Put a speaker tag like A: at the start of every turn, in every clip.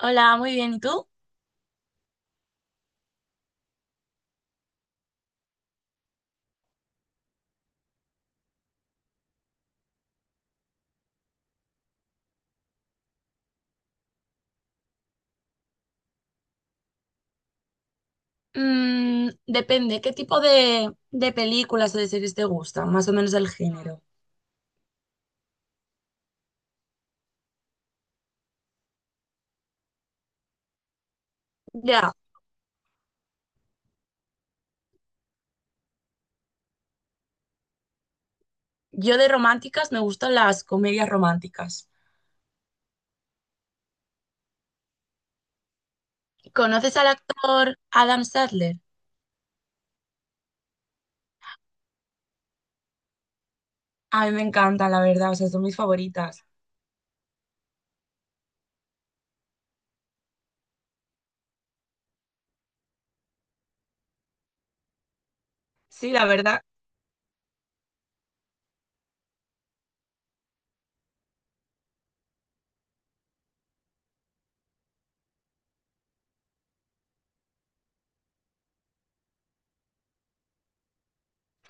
A: Hola, muy bien. ¿Y tú? Mm, depende, ¿qué tipo de películas o de series te gustan? Más o menos el género. Ya, yo de románticas me gustan las comedias románticas. ¿Conoces al actor Adam Sandler? A mí me encantan, la verdad, o sea, son mis favoritas. Sí, la verdad,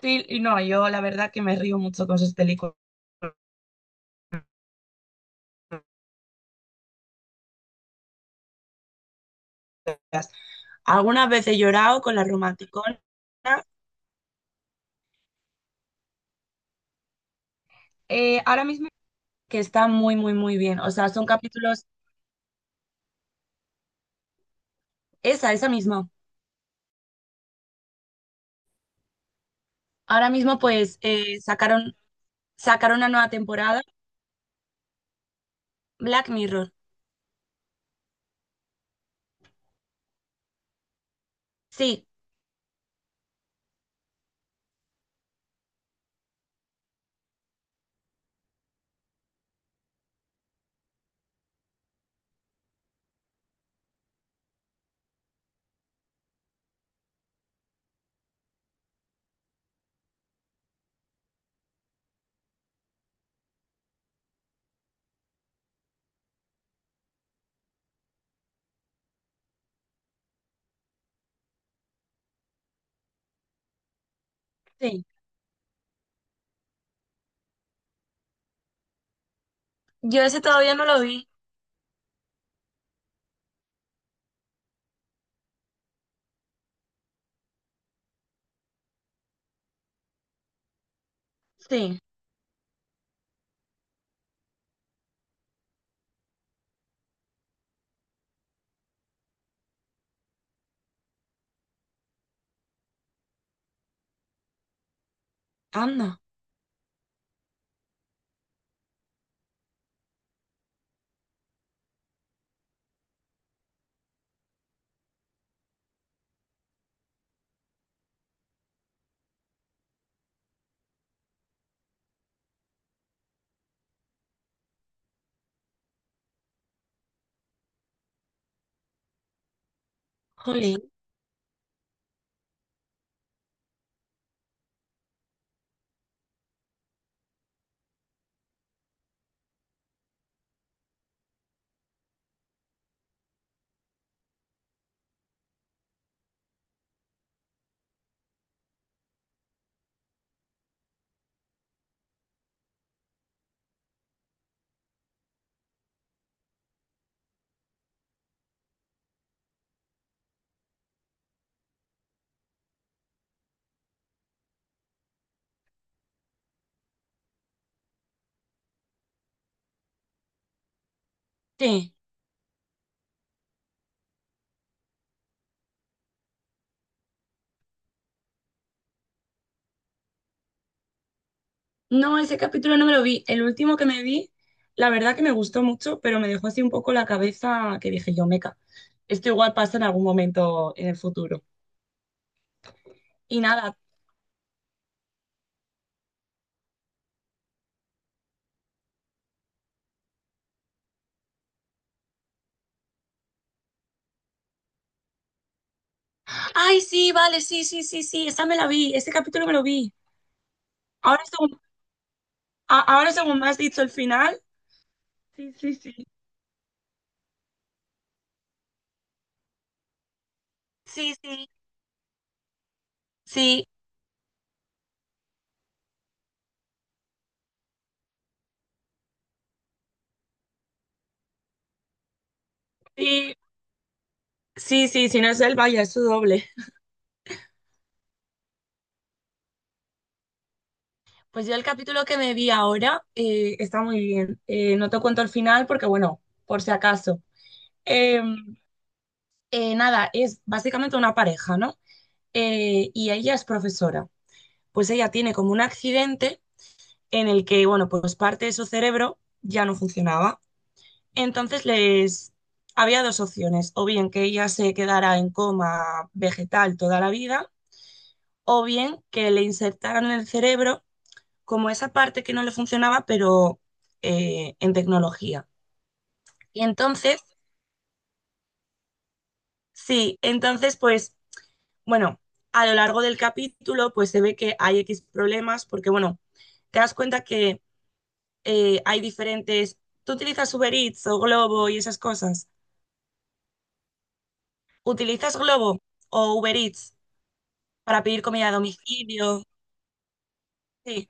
A: sí, y no, yo la verdad que me río mucho con sus películas. Algunas veces he llorado con la romanticona. Ahora mismo que está muy, muy, muy bien. O sea, son capítulos, esa misma. Ahora mismo pues sacaron, sacaron una nueva temporada, Black Mirror. Sí, sí. Yo ese todavía no lo vi. Sí. Anda, jolín. Sí. No, ese capítulo no me lo vi. El último que me vi, la verdad que me gustó mucho, pero me dejó así un poco la cabeza que dije yo, meca. Esto igual pasa en algún momento en el futuro. Y nada. Ay, sí, vale, sí, sí, sí, sí. Esa me la vi. Ese capítulo me lo vi. Ahora según, ahora según me has dicho el final. Sí, sí, sí. Sí, sí. Sí, sí. Sí, sí, si no es él, vaya, es su doble. Pues yo el capítulo que me vi ahora está muy bien. No te cuento el final porque, bueno, por si acaso. Eh, Nada, es básicamente una pareja, ¿no? Y ella es profesora. Pues ella tiene como un accidente en el que, bueno, pues parte de su cerebro ya no funcionaba. Entonces les había dos opciones, o bien que ella se quedara en coma vegetal toda la vida, o bien que le insertaran en el cerebro como esa parte que no le funcionaba, pero en tecnología. Y entonces, sí, entonces pues, bueno, a lo largo del capítulo pues se ve que hay X problemas porque, bueno, te das cuenta que hay diferentes... ¿Tú utilizas Uber Eats o Globo y esas cosas? ¿Utilizas Globo o Uber Eats para pedir comida a domicilio? Sí.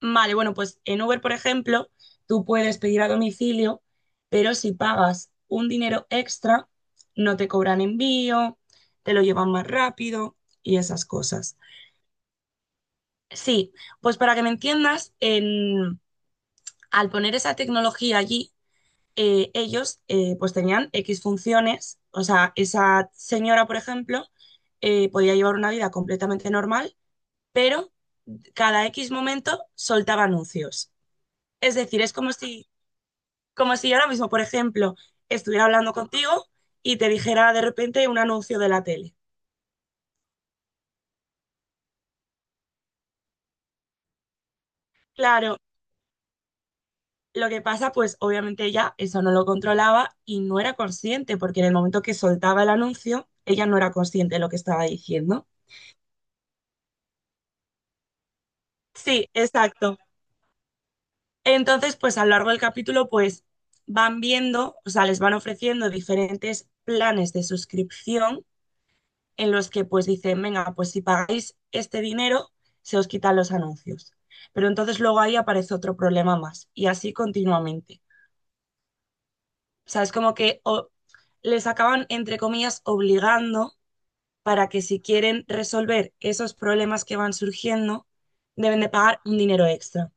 A: Vale, bueno, pues en Uber, por ejemplo, tú puedes pedir a domicilio, pero si pagas un dinero extra, no te cobran envío, te lo llevan más rápido y esas cosas. Sí, pues para que me entiendas, al poner esa tecnología allí, ellos pues tenían X funciones, o sea, esa señora, por ejemplo, podía llevar una vida completamente normal, pero cada X momento soltaba anuncios. Es decir, es como si como si yo ahora mismo, por ejemplo, estuviera hablando contigo y te dijera de repente un anuncio de la tele. Claro, lo que pasa, pues obviamente ella eso no lo controlaba y no era consciente, porque en el momento que soltaba el anuncio, ella no era consciente de lo que estaba diciendo. Sí, exacto. Entonces, pues a lo largo del capítulo, pues van viendo, o sea, les van ofreciendo diferentes planes de suscripción en los que pues dicen, venga, pues si pagáis este dinero, se os quitan los anuncios. Pero entonces luego ahí aparece otro problema más y así continuamente. O sea, es como que les acaban, entre comillas, obligando para que si quieren resolver esos problemas que van surgiendo, deben de pagar un dinero extra.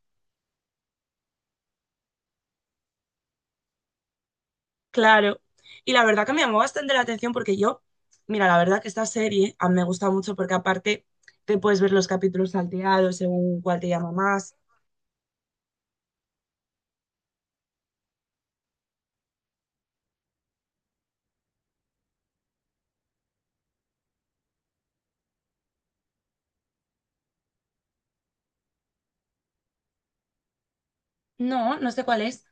A: Claro. Y la verdad que me llamó bastante la atención porque yo, mira, la verdad que esta serie a mí me gusta mucho porque aparte te puedes ver los capítulos salteados según cuál te llama más. No, no sé cuál es.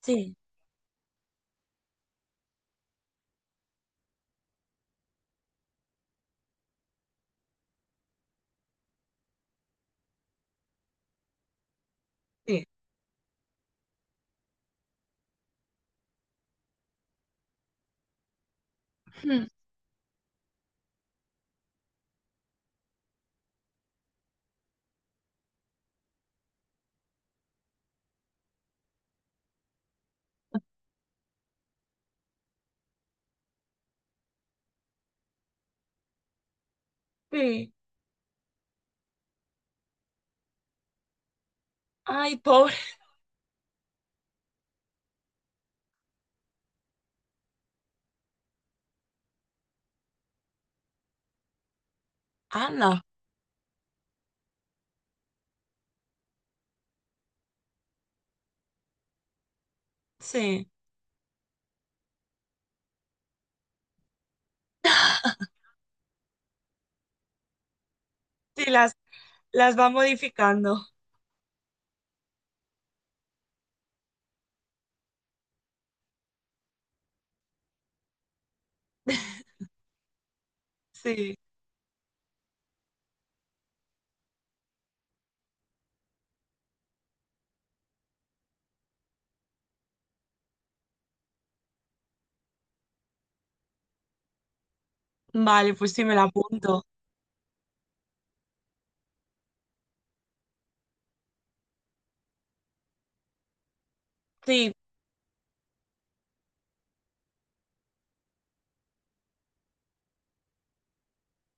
A: Sí. Sí. Hmm. Sí. Ay, pobre Ana. Sí. Sí, las va modificando. Sí. Vale, pues sí, me la apunto. Sí,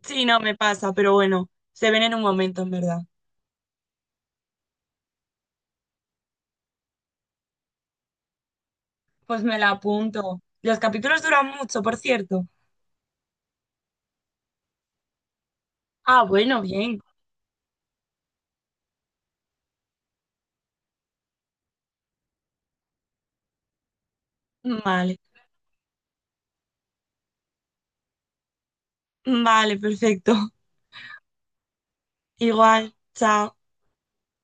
A: sí, no me pasa, pero bueno, se ven en un momento, en verdad. Pues me la apunto. Los capítulos duran mucho, por cierto. Ah, bueno, bien. Vale. Vale, perfecto. Igual, chao.